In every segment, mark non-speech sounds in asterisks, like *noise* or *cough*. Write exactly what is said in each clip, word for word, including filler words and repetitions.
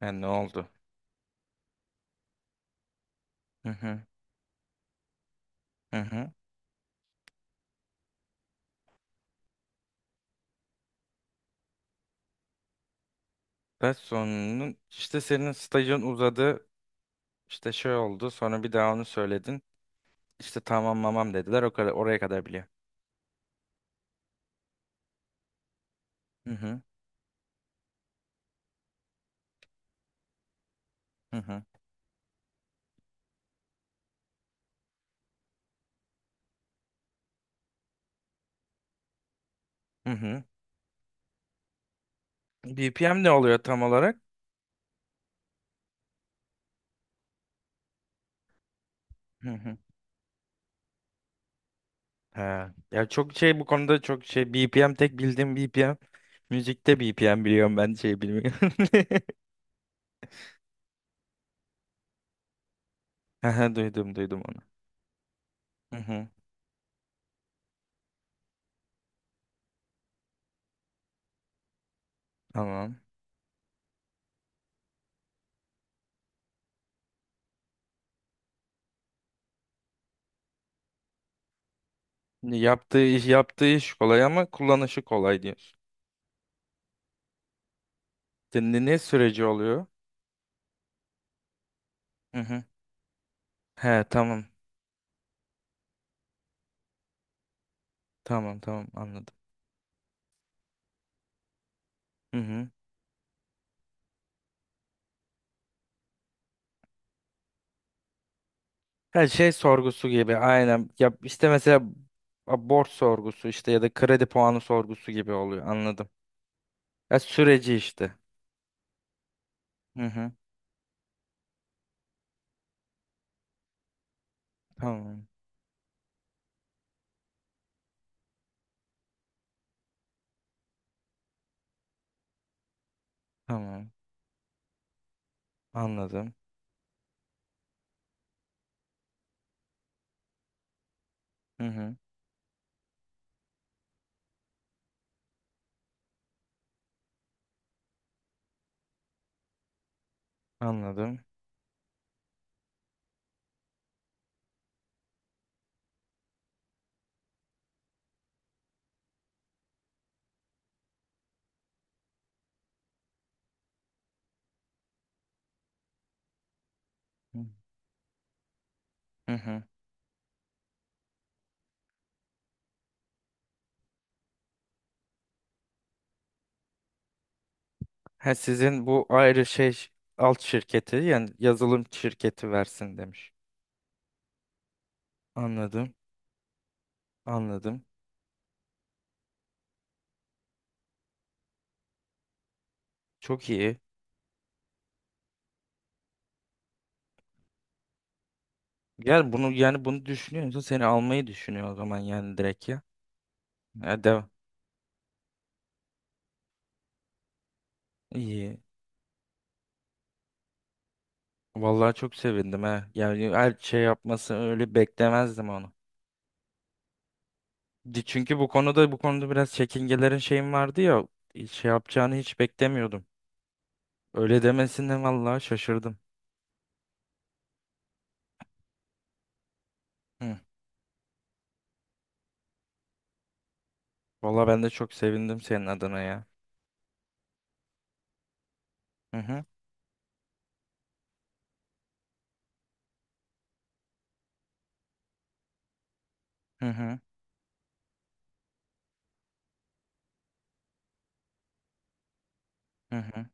Ha, ne oldu? Hı hı, hı hı. Ve sonunun işte senin stajın uzadı. İşte şey oldu. Sonra bir daha onu söyledin. İşte tamam mamam dediler. O kadar oraya kadar biliyor. Hı hı, hı hı, hı hı. B P M ne oluyor tam olarak? Hı hı. Ha. Ya çok şey bu konuda çok şey B P M tek bildiğim B P M. Müzikte B P M biliyorum ben şey bilmiyorum. *laughs* Hı hı, duydum duydum onu. Hı hı. Tamam. Yaptığı iş yaptığı iş kolay ama kullanışı kolay diyorsun. Ne, ne süreci oluyor? He tamam. Tamam tamam anladım. Hı hı. Her şey sorgusu gibi aynen. Ya işte mesela a- borç sorgusu işte ya da kredi puanı sorgusu gibi oluyor anladım. Ya süreci işte. Hı hı. Tamam. Tamam. Anladım. Hı hı. Anladım. Hı hı. Hı. Ha, sizin bu ayrı şey alt şirketi yani yazılım şirketi versin demiş. Anladım. Anladım. Çok iyi. Gel bunu yani bunu düşünüyorsa seni almayı düşünüyor o zaman yani direkt ya. Ya devam. İyi. Vallahi çok sevindim ha. Yani her şey yapması öyle beklemezdim onu. Di- Çünkü bu konuda bu konuda biraz çekingelerin şeyim vardı ya. Şey yapacağını hiç beklemiyordum. Öyle demesine vallahi şaşırdım. Hı. Vallahi ben de çok sevindim senin adına ya. Hı hı. Hı hı. Hı hı.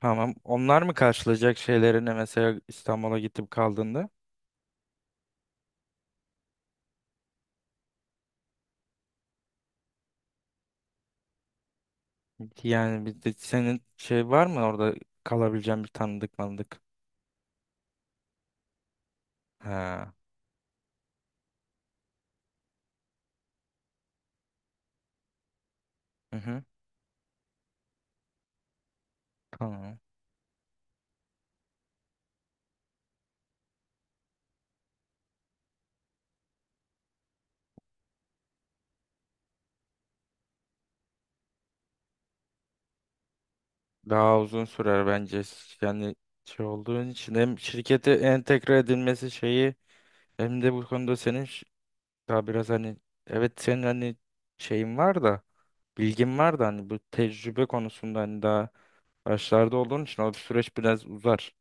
Tamam. Onlar mı karşılayacak şeylerini mesela İstanbul'a gidip kaldığında? Yani bir de senin şey var mı orada kalabileceğin bir tanıdık mandık? Ha. Hı hı. Tamam. Daha uzun sürer bence. Yani şey olduğun için hem şirkete entegre edilmesi şeyi hem de bu konuda senin ş- daha biraz hani evet senin hani şeyin var da bilgin var da hani bu tecrübe konusunda hani daha başlarda olduğun için o süreç biraz uzar.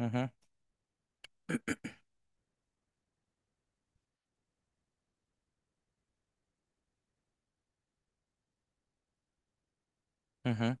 Hı hı, hı hı,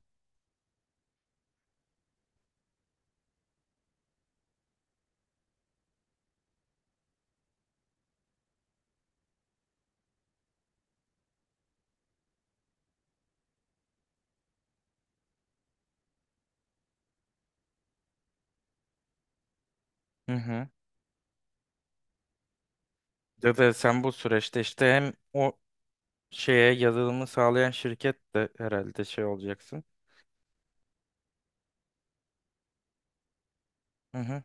hı hı. Ya da sen bu süreçte işte hem o şeye yazılımı sağlayan şirket de herhalde şey olacaksın. Hı hı,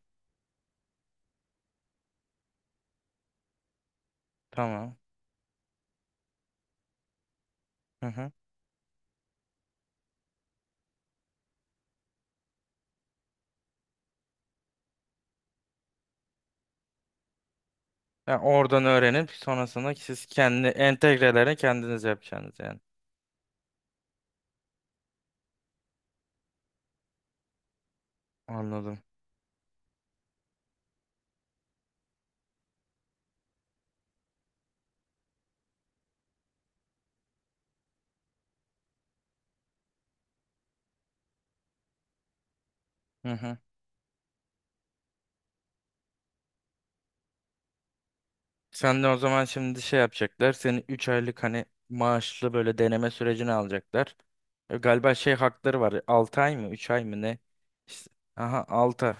tamam. Hı hı. Yani oradan öğrenip sonrasında siz kendi entegrelerini kendiniz yapacaksınız yani. Anladım. Hı hı. Sen de o zaman şimdi şey yapacaklar. Seni üç aylık hani maaşlı böyle deneme sürecini alacaklar. E, Galiba şey hakları var. altı ay mı üç ay mı ne? İşte, aha altı.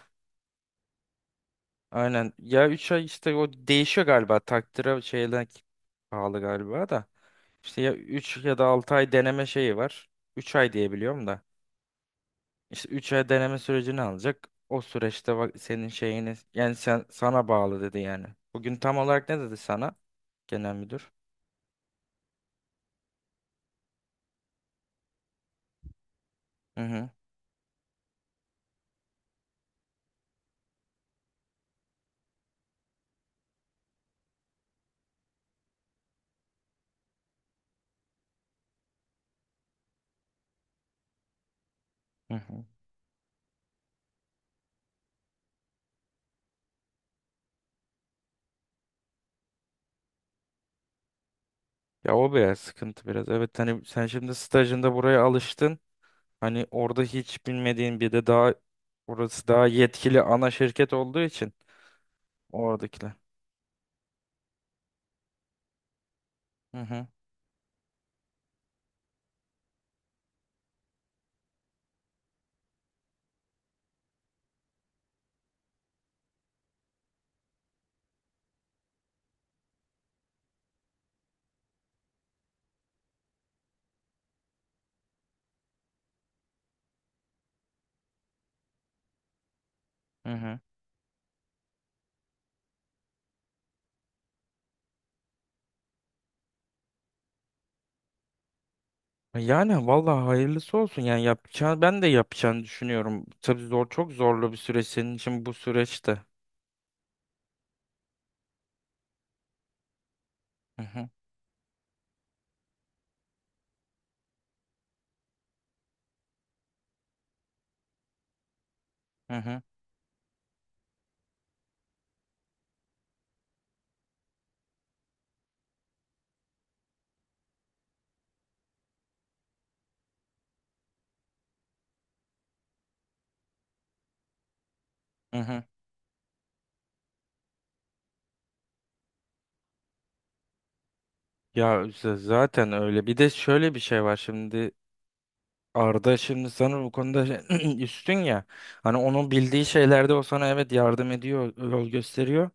Aynen. Ya üç ay işte o değişiyor galiba. Takdire şeyden pahalı galiba da. İşte ya üç ya da altı ay deneme şeyi var. Üç ay diye biliyorum da. İşte üç ay deneme sürecini alacak. O süreçte bak senin şeyini yani sen sana bağlı dedi yani. Bugün tam olarak ne dedi sana genel müdür? Hı hı. Hı hı. Ya o biraz sıkıntı biraz. Evet hani sen şimdi stajında buraya alıştın. Hani orada hiç bilmediğin bir de daha orası daha yetkili ana şirket olduğu için oradakiler. Hı hı. Hı hı. Yani vallahi hayırlısı olsun yani yapacağını ben de yapacağını düşünüyorum. Tabii zor çok zorlu bir süreç senin için bu süreçte. Hı hı. Hı hı. Hı hı. Ya z- zaten öyle. Bir de şöyle bir şey var şimdi. Arda şimdi sana bu konuda *clears throat* üstün ya. Hani onun bildiği şeylerde o sana evet yardım ediyor, yol gösteriyor.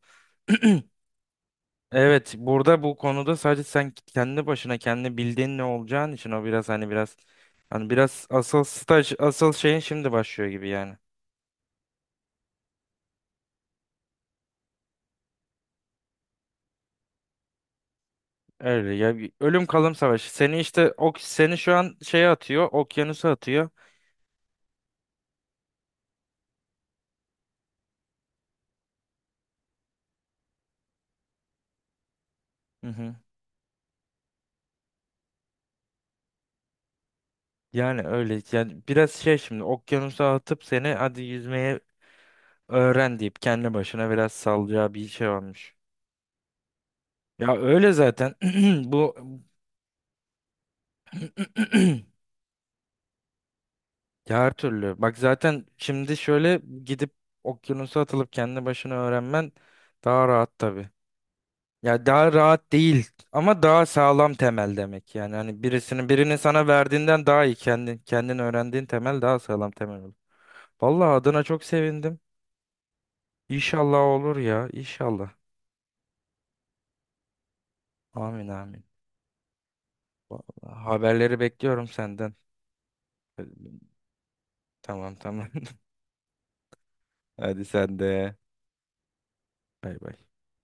Evet, burada bu konuda sadece sen kendi başına kendi bildiğin ne olacağın için o biraz hani biraz hani biraz asıl staj asıl şeyin şimdi başlıyor gibi yani. Öyle ya bir ölüm kalım savaşı. Seni işte ok seni şu an şeye atıyor, okyanusa atıyor. Hı hı. Yani öyle yani biraz şey şimdi okyanusa atıp seni hadi yüzmeye öğren deyip kendi başına biraz salacağı bir şey varmış. Ya öyle zaten *clears throat* bu *clears throat* ya her türlü. Bak zaten şimdi şöyle gidip okyanusa atılıp kendi başına öğrenmen daha rahat tabii. Ya daha rahat değil ama daha sağlam temel demek. Yani hani birisinin birinin sana verdiğinden daha iyi kendin kendin öğrendiğin temel daha sağlam temel olur. Vallahi adına çok sevindim. İnşallah olur ya, inşallah. Amin amin. Vallahi haberleri bekliyorum senden. Tamam tamam. *laughs* Hadi sen de. Bay bay.